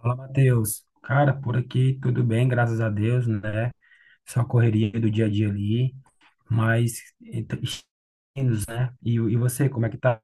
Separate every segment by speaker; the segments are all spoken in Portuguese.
Speaker 1: Fala, Matheus. Cara, por aqui tudo bem, graças a Deus, né? Só correria do dia a dia ali, mas então, indo, né? E, e você, como é que tá?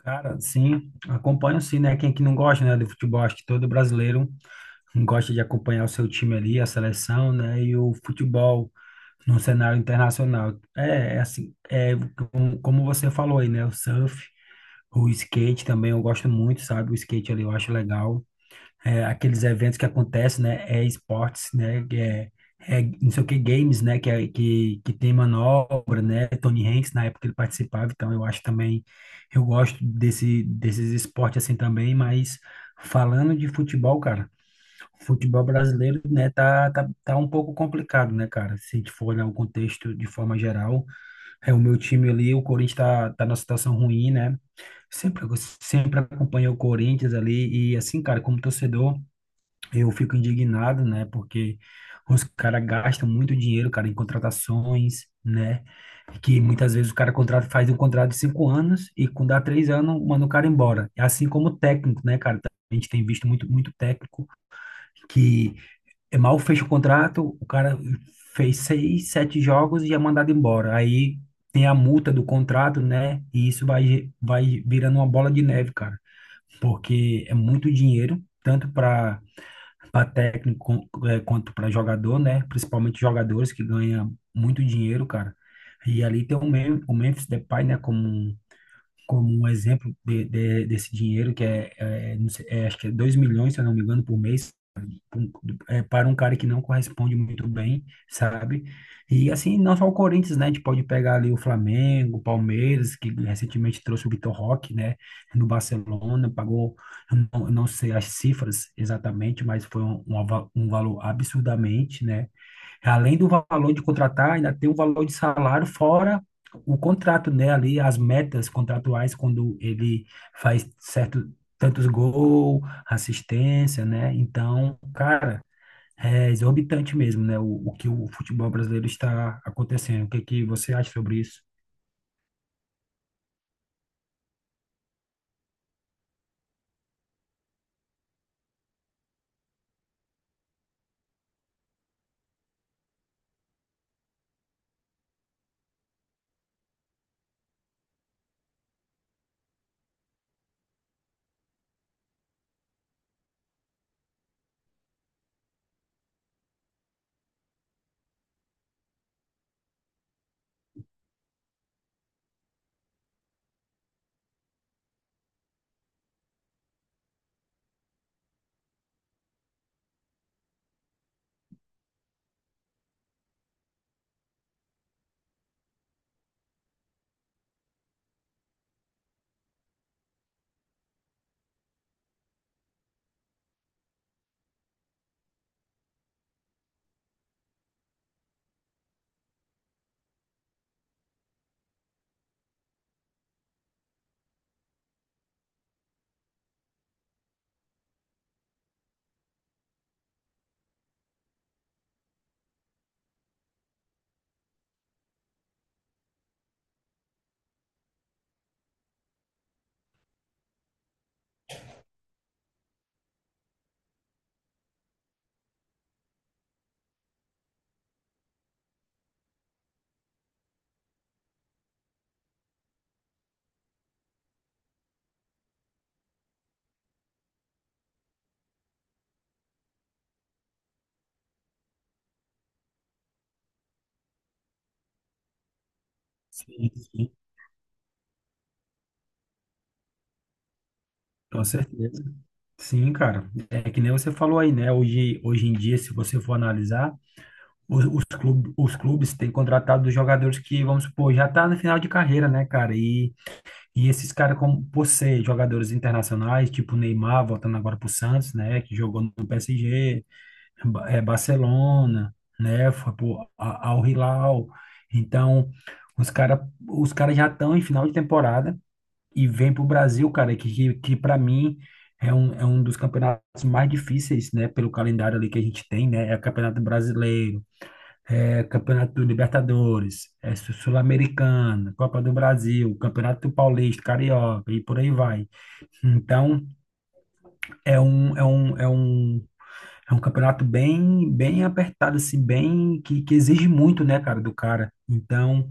Speaker 1: Cara, sim, acompanho sim, né? Quem é que não gosta, né, do futebol? Acho que todo brasileiro gosta de acompanhar o seu time ali, a seleção, né? E o futebol no cenário internacional. É, é assim, é como você falou aí, né? O surf, o skate também eu gosto muito, sabe? O skate ali eu acho legal. Aqueles eventos que acontecem, né? É esportes, né? que É, é não sei o que, games, né? Que tem manobra, né? Tony Hanks, na época ele participava, então eu acho também, eu gosto desses esportes assim também, mas falando de futebol, cara, o futebol brasileiro, né? Tá um pouco complicado, né, cara? Se a gente for olhar o contexto de forma geral, é o meu time ali, o Corinthians tá numa situação ruim, né? Sempre, sempre acompanhei o Corinthians ali e assim, cara, como torcedor, eu fico indignado, né? Porque os caras gastam muito dinheiro, cara, em contratações, né? Que muitas vezes o cara contrata, faz um contrato de 5 anos e quando dá 3 anos, manda o cara embora. É assim como o técnico, né, cara? A gente tem visto muito técnico que é mal fecha o contrato, o cara fez 6, 7 jogos e é mandado embora. Aí tem a multa do contrato, né? E isso vai virando uma bola de neve, cara. Porque é muito dinheiro, tanto para técnico quanto para jogador, né? Principalmente jogadores que ganham muito dinheiro, cara. E ali tem o Memphis Depay, né? Como um exemplo desse dinheiro que é, é, não sei, é, acho que é 2 milhões, se eu não me engano, por mês, é, para um cara que não corresponde muito bem, sabe? E assim, não só o Corinthians, né? A gente pode pegar ali o Flamengo, o Palmeiras, que recentemente trouxe o Vitor Roque, né? No Barcelona, pagou, eu não sei as cifras exatamente, mas foi um valor absurdamente, né? Além do valor de contratar, ainda tem o valor de salário fora o contrato, né? Ali as metas contratuais quando ele faz certo tantos gols, assistência, né? Então, cara, é exorbitante mesmo, né? O que o futebol brasileiro está acontecendo. O que que você acha sobre isso? Sim, sim, com certeza. Sim, cara. É que nem você falou aí, né? Hoje em dia, se você for analisar os clubes têm contratado jogadores que, vamos supor, já tá no final de carreira, né, cara? E esses caras, como por ser jogadores internacionais, tipo Neymar, voltando agora pro Santos, né, que jogou no PSG, Barcelona, né, foi pro Al Hilal. Então, os caras os cara já estão em final de temporada e vem pro Brasil, cara, que para mim é um dos campeonatos mais difíceis, né, pelo calendário ali que a gente tem, né? É o Campeonato Brasileiro Campeonato do Libertadores, Sul-Americana, Copa do Brasil, Campeonato Paulista, Carioca e por aí vai. Então, é um, é um, é um, é um campeonato bem apertado, assim, bem, que exige muito, né, cara, do cara. Então,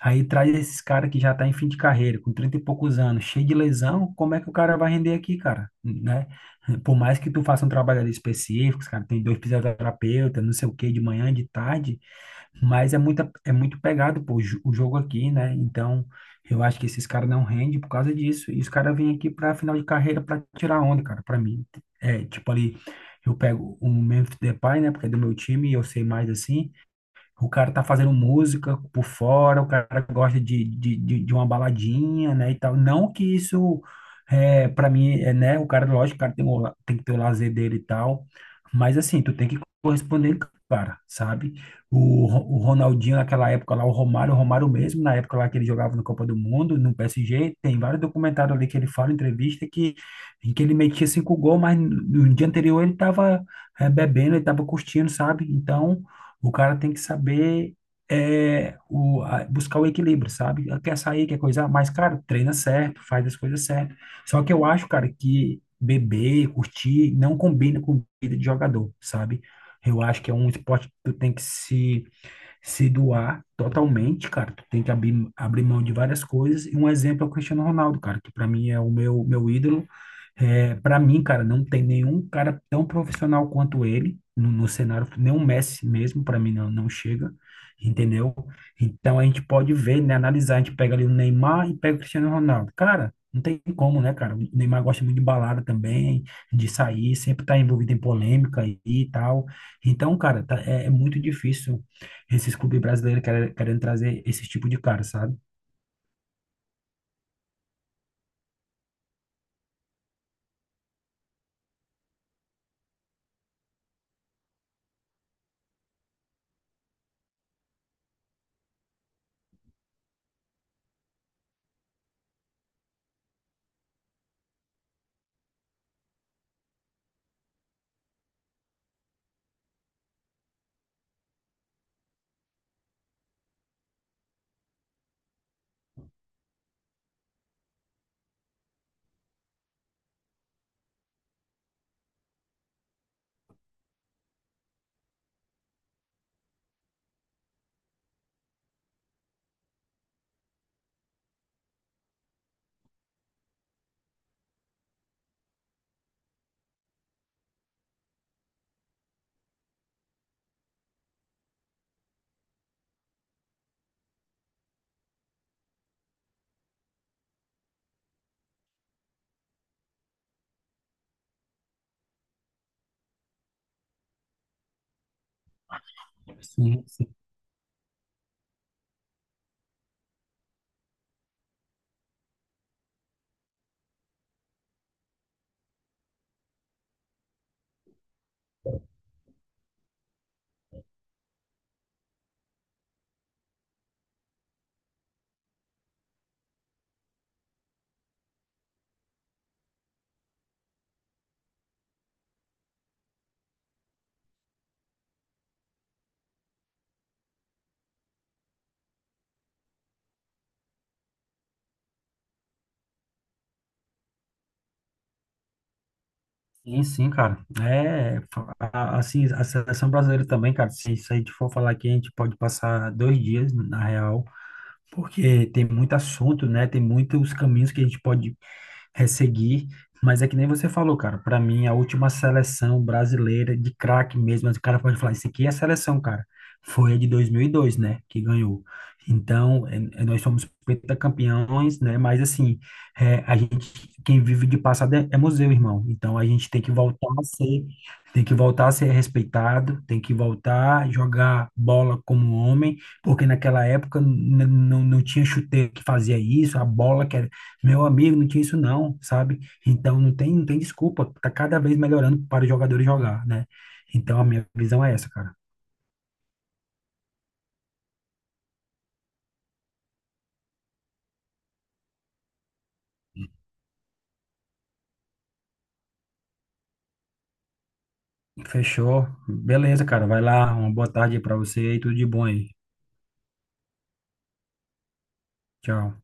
Speaker 1: aí traz esses caras que já tá em fim de carreira, com 30 e poucos anos, cheio de lesão, como é que o cara vai render aqui, cara, né? Por mais que tu faça um trabalho ali específico, cara, tem dois fisioterapeutas, não sei o quê, de manhã, de tarde, mas é é muito pegado, pô, o jogo aqui, né? Então, eu acho que esses caras não rendem por causa disso. E os caras vêm aqui pra final de carreira pra tirar onda, cara, pra mim. É, tipo ali, eu pego o Memphis Depay, né? Porque é do meu time e eu sei mais assim. O cara tá fazendo música por fora, o cara gosta de uma baladinha, né, e tal. Não que isso, é, para mim, é, né, o cara, lógico, o cara tem, tem que ter o lazer dele e tal, mas assim, tu tem que corresponder, cara, sabe? O Ronaldinho naquela época lá, o Romário mesmo, na época lá que ele jogava na Copa do Mundo, no PSG, tem vários documentários ali que ele fala, entrevista, que, em que ele metia 5 gols, mas no dia anterior ele tava bebendo, ele tava curtindo, sabe? Então, o cara tem que saber buscar o equilíbrio, sabe? Quer sair, quer coisar, mas, cara, treina certo, faz as coisas certo. Só que eu acho, cara, que beber, curtir, não combina com vida de jogador, sabe? Eu acho que é um esporte que tu tem que se doar totalmente, cara. Tu tem que abrir mão de várias coisas. E um exemplo é o Cristiano Ronaldo, cara, que pra mim é o meu ídolo. É, para mim, cara, não tem nenhum cara tão profissional quanto ele no cenário, nem o Messi mesmo, para mim não chega, entendeu? Então a gente pode ver, né, analisar, a gente pega ali o Neymar e pega o Cristiano Ronaldo. Cara, não tem como, né, cara? O Neymar gosta muito de balada também, de sair, sempre tá envolvido em polêmica aí e tal. Então, cara, é muito difícil esses clubes brasileiros querendo trazer esse tipo de cara, sabe? Sim, sim, sim, cara. É, assim, a seleção brasileira também, cara, se isso a gente for falar aqui, a gente pode passar 2 dias, na real, porque tem muito assunto, né? Tem muitos caminhos que a gente pode seguir. Mas é que nem você falou, cara. Para mim, a última seleção brasileira de craque mesmo, mas o cara pode falar, isso aqui é a seleção, cara. Foi a de 2002, né, que ganhou. Então, é, nós somos pentacampeões, né? Mas assim, é, a gente, quem vive de passado é, é museu, irmão. Então, a gente tem que voltar a ser, tem que voltar a ser respeitado, tem que voltar a jogar bola como homem, porque naquela época não não tinha chuteiro que fazia isso, a bola que era meu amigo, não tinha isso não, sabe? Então não tem, não tem desculpa, tá cada vez melhorando para os jogadores jogar, né? Então a minha visão é essa, cara. Fechou. Beleza, cara. Vai lá, uma boa tarde para você e tudo de bom aí. Tchau.